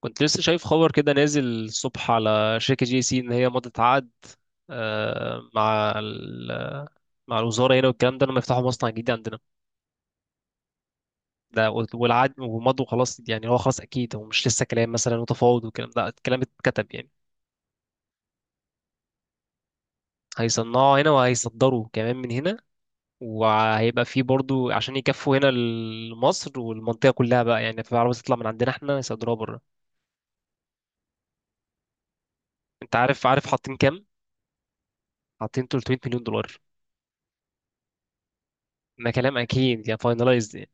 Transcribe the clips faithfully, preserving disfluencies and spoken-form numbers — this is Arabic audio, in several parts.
كنت لسه شايف خبر كده نازل الصبح على شركة جي سي، إن هي مضت عقد آه، مع ال- مع الوزارة هنا والكلام ده، لما يفتحوا مصنع جديد عندنا. ده والعقد ومضوا خلاص، يعني هو خلاص أكيد، هو مش لسه كلام مثلا وتفاوض والكلام ده، الكلام اتكتب يعني. هيصنعوا هنا وهيصدروا كمان من هنا، وهيبقى فيه برضو عشان يكفوا هنا مصر والمنطقة كلها بقى. يعني في عربية تطلع من عندنا احنا يصدروها بره. انت عارف عارف حاطين كام؟ حاطين ثلاثمية مليون دولار، ده كلام اكيد يعني فاينلايزد.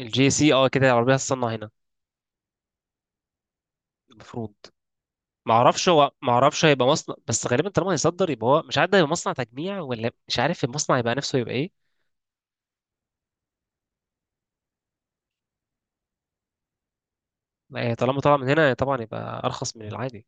الجي سي، اه كده العربية هتصنع هنا المفروض. ما اعرفش هو ما اعرفش، هيبقى مصنع بس غالبا طالما هيصدر يبقى، هو مش عارف ده هيبقى مصنع تجميع ولا مش عارف المصنع يبقى نفسه يبقى ايه. آه، طالما طالع من هنا طبعا يبقى ارخص من العادي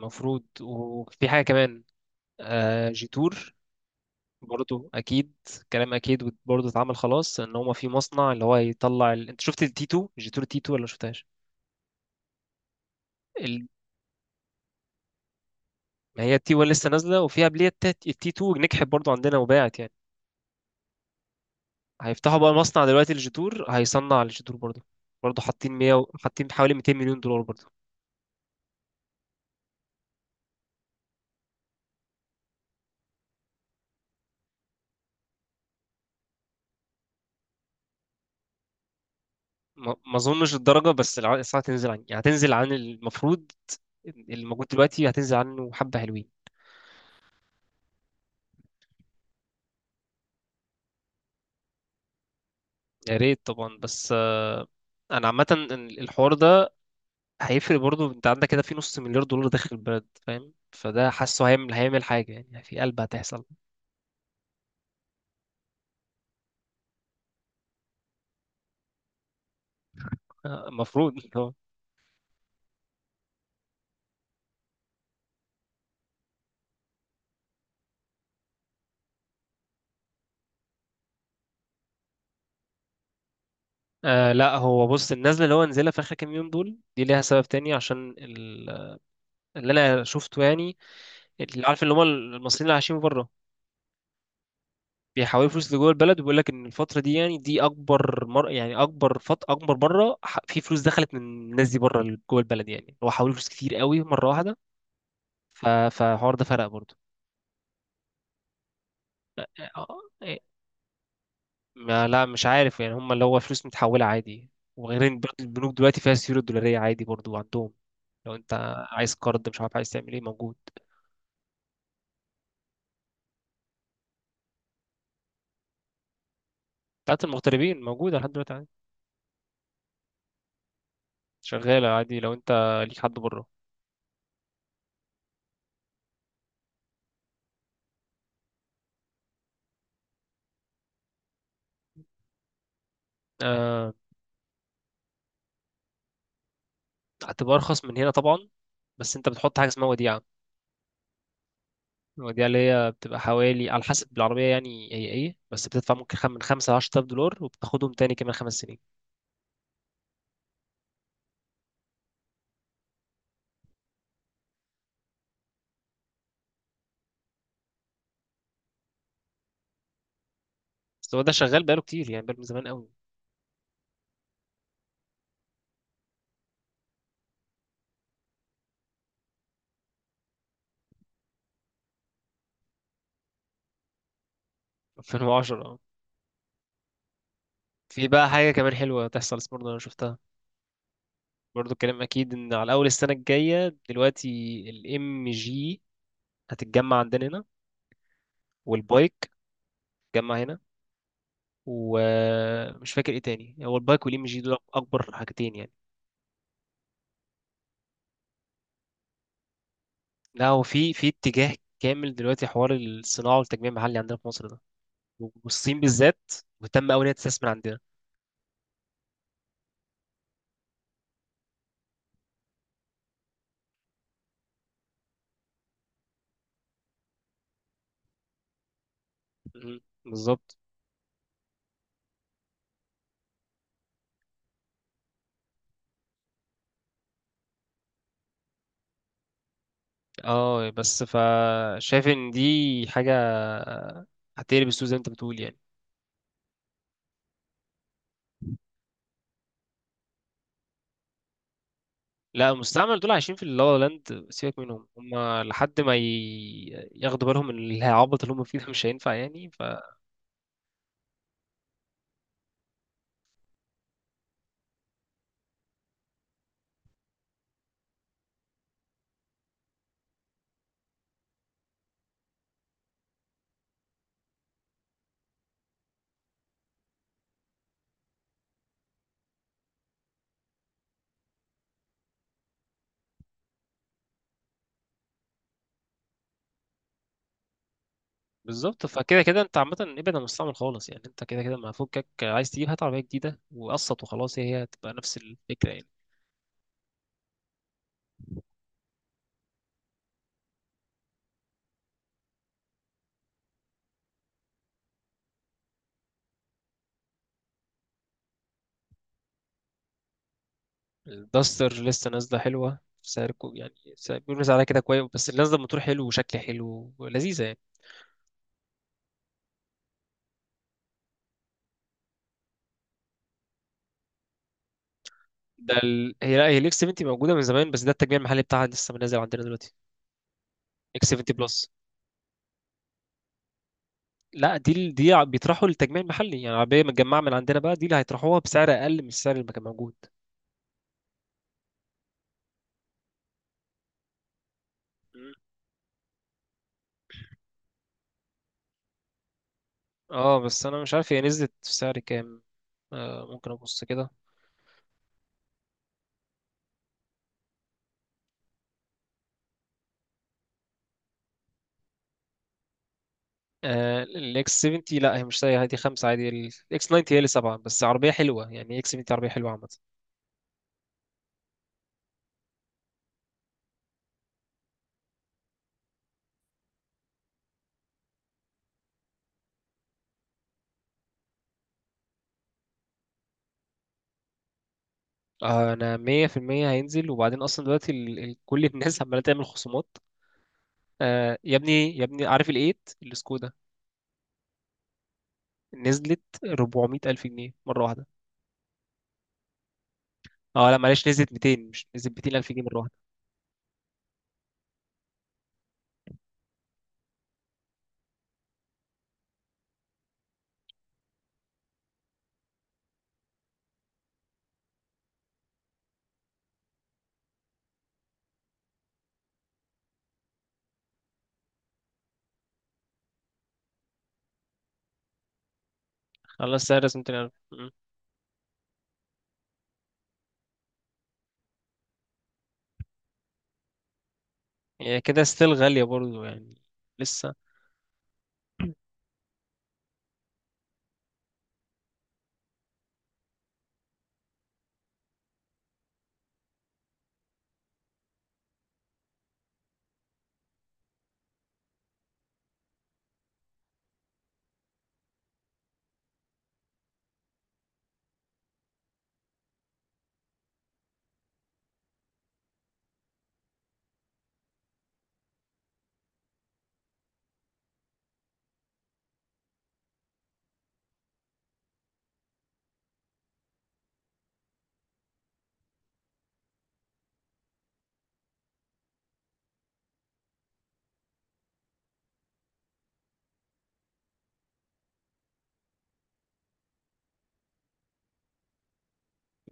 المفروض. وفي حاجة كمان آه جيتور برضه اكيد. كلام اكيد برضه اتعمل خلاص، ان هما في مصنع اللي هو يطلع ال... انت شفت التي اتنين جيتور، تي تو ولا ما شفتهاش؟ ال... ما هي التي ون لسه نازله وفي قبليها. التي تو نجحت برضه عندنا وباعت يعني. هيفتحوا بقى مصنع دلوقتي للجدور، هيصنع الجدور برضه. برضه حاطين ميه و- حاطين حوالي ميتين مليون دولار برضه. ما ما اظنش الدرجه، بس الع- الاسعار هتنزل عن يعني، هتنزل عن المفروض اللي موجود دلوقتي، هتنزل عنه حبه حلوين. يا ريت طبعا، بس آه، انا عامه إن الحوار ده هيفرق برضه. انت عندك كده في نص مليار دولار داخل البلد، فاهم؟ فده حاسه هيعمل هيعمل حاجه يعني، في قلب هتحصل. آه، المفروض آه، لا هو بص، النزله اللي هو نزلها في اخر كام يوم دول، دي ليها سبب تاني عشان ال اللي انا شفته يعني، اللي عارف، اللي هم المصريين اللي عايشين بره بيحولوا فلوس لجوه البلد. وبيقول لك ان الفتره دي، يعني دي اكبر مر... يعني اكبر فت... اكبر مره، ح- في فلوس دخلت من الناس دي بره جوه البلد، يعني هو حولوا فلوس كتير قوي مره واحده. ف... فالحوار ده فرق برضه. آه، آه، ما لا مش عارف يعني، هم اللي هو فلوس متحوله عادي. وغير ان برضه البنوك دلوقتي فيها السيوله الدولاريه عادي برضه عندهم. لو انت عايز قرض، مش عارف عايز تعمل ايه، موجود. بتاعت المغتربين موجوده لحد دلوقتي عادي. شغاله عادي لو انت ليك حد بره. آه، هتبقى ارخص من هنا طبعا، بس انت بتحط حاجه اسمها وديعه. الوديعه اللي هي بتبقى حوالي، على حسب بالعربيه يعني هي ايه، بس بتدفع ممكن خم- من خمسة ل عشرة آلاف دولار، وبتاخدهم تاني كمان خمس سنين. بس هو ده شغال بقاله كتير، يعني بقاله من زمان قوي، الفين وعشرة اه. في بقى حاجه كمان حلوه تحصل برضه انا شفتها. برضه الكلام اكيد، ان على اول السنه الجايه دلوقتي الام جي هتتجمع عندنا هنا، والبايك هتتجمع هنا. ومش فاكر ايه تاني، هو البايك والام جي دول اكبر حاجتين يعني. لا هو في في اتجاه كامل دلوقتي، حوار الصناعه والتجميع المحلي عندنا في مصر ده. والصين بالذات مهتمه قوي ان هي تستثمر عندنا. مم. بالظبط. اه بس فشايف ان دي حاجه هتقلب السوق زي ما انت بتقول يعني. لا المستعمل دول عايشين في اللا لا لاند، سيبك منهم، هم لحد ما ي... ياخدوا بالهم ان العبط اللي هم فيه ده مش هينفع يعني. فبالظبط، فكده كده انت عامه ابعد عن المستعمل خالص يعني. انت كده كده ما فكك، عايز تجيب هات عربيه جديده وقسط وخلاص، هي هي هتبقى نفس الفكره يعني. الداستر لسه نازله حلوه، سعر كو يعني سعر- بيقولوا سعرها كده كويس، بس اللي نازله موتور حلو وشكل حلو ولذيذه يعني. ده ال... هي لا، هي الاكس سبعين موجوده من زمان، بس ده التجميع المحلي بتاعها لسه نازل عندنا دلوقتي. اكس سبعين بلس. لا دي ال- دي ع- بيطرحوا للتجميع المحلي، يعني عربيه متجمعه من عندنا بقى، دي اللي هيطرحوها بسعر اقل من السعر اللي كان موجود. مم. اه بس انا مش عارف هي نزلت في سعر كام. آه ممكن ابص كده. آه الاكس سبعين، لا هي مش سعر، هي دي خمسه عادي. الاكس تسعين هي اللي سبعه، بس عربيه حلوه يعني. اكس سبعين عربيه حلوه عامه. آه، انا مية في المية هينزل، وبعدين اصلا دلوقتي ال... ال... كل الناس عماله تعمل خصومات. آه يا ابني يا ابني، عارف الايت السكودا؟ نزلت اربعمائة الف جنيه مره واحده. اه لا معلش، نزلت ميتين، مش نزلت ميتين الف جنيه مره واحده. خلاص سعر رسمي ميتين الف، مم. يعني كده ستيل غاليه برضو يعني. لسه.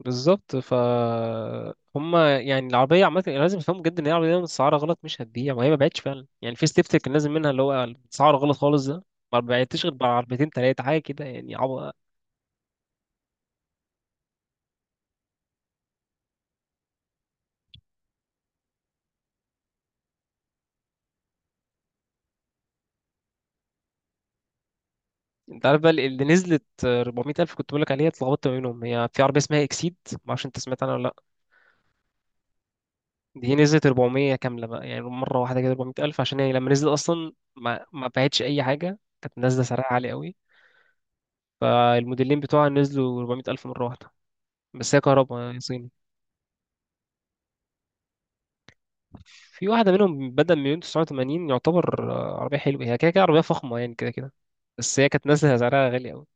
بالظبط، ف هم يعني العربيه عامه لازم يفهموا جدا ان هي العربيه متسعره غلط مش هتبيع، وهي ما بعتش فعلا يعني. في ستيفتر كان لازم منها، اللي هو سعره غلط خالص ده، ما بعتش غير بعربيتين تلاته حاجه كده يعني. عب... انت عارف بقى اللي نزلت اربعميه الف كنت بقول لك عليها؟ اتلخبطت ما بينهم، هي في عربيه اسمها اكسيد، ما اعرفش انت سمعت عنها ولا لا. دي نزلت اربعمائة كامله بقى، يعني مره واحده كده اربعمائة الف، عشان هي لما نزلت اصلا ما ما باعتش اي حاجه، كانت نازله سعرها عالي قوي. فالموديلين بتوعها نزلوا اربعمائة الف مره واحده. بس هي كهرباء يعني، صيني. في واحده منهم بدأ من مليون تسعميه وتمانين، يعتبر آه، عربيه حلوه، هي كده كده عربيه فخمه يعني، كده كده. بس هي كانت نازله سعرها غالي قوي.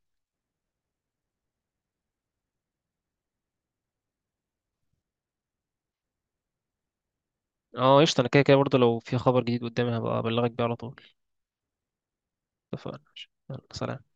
اه قشطه، انا كده كده برضه لو في خبر جديد قدامي هبقى ابلغك بيه على طول. اتفقنا. يلا، سلام.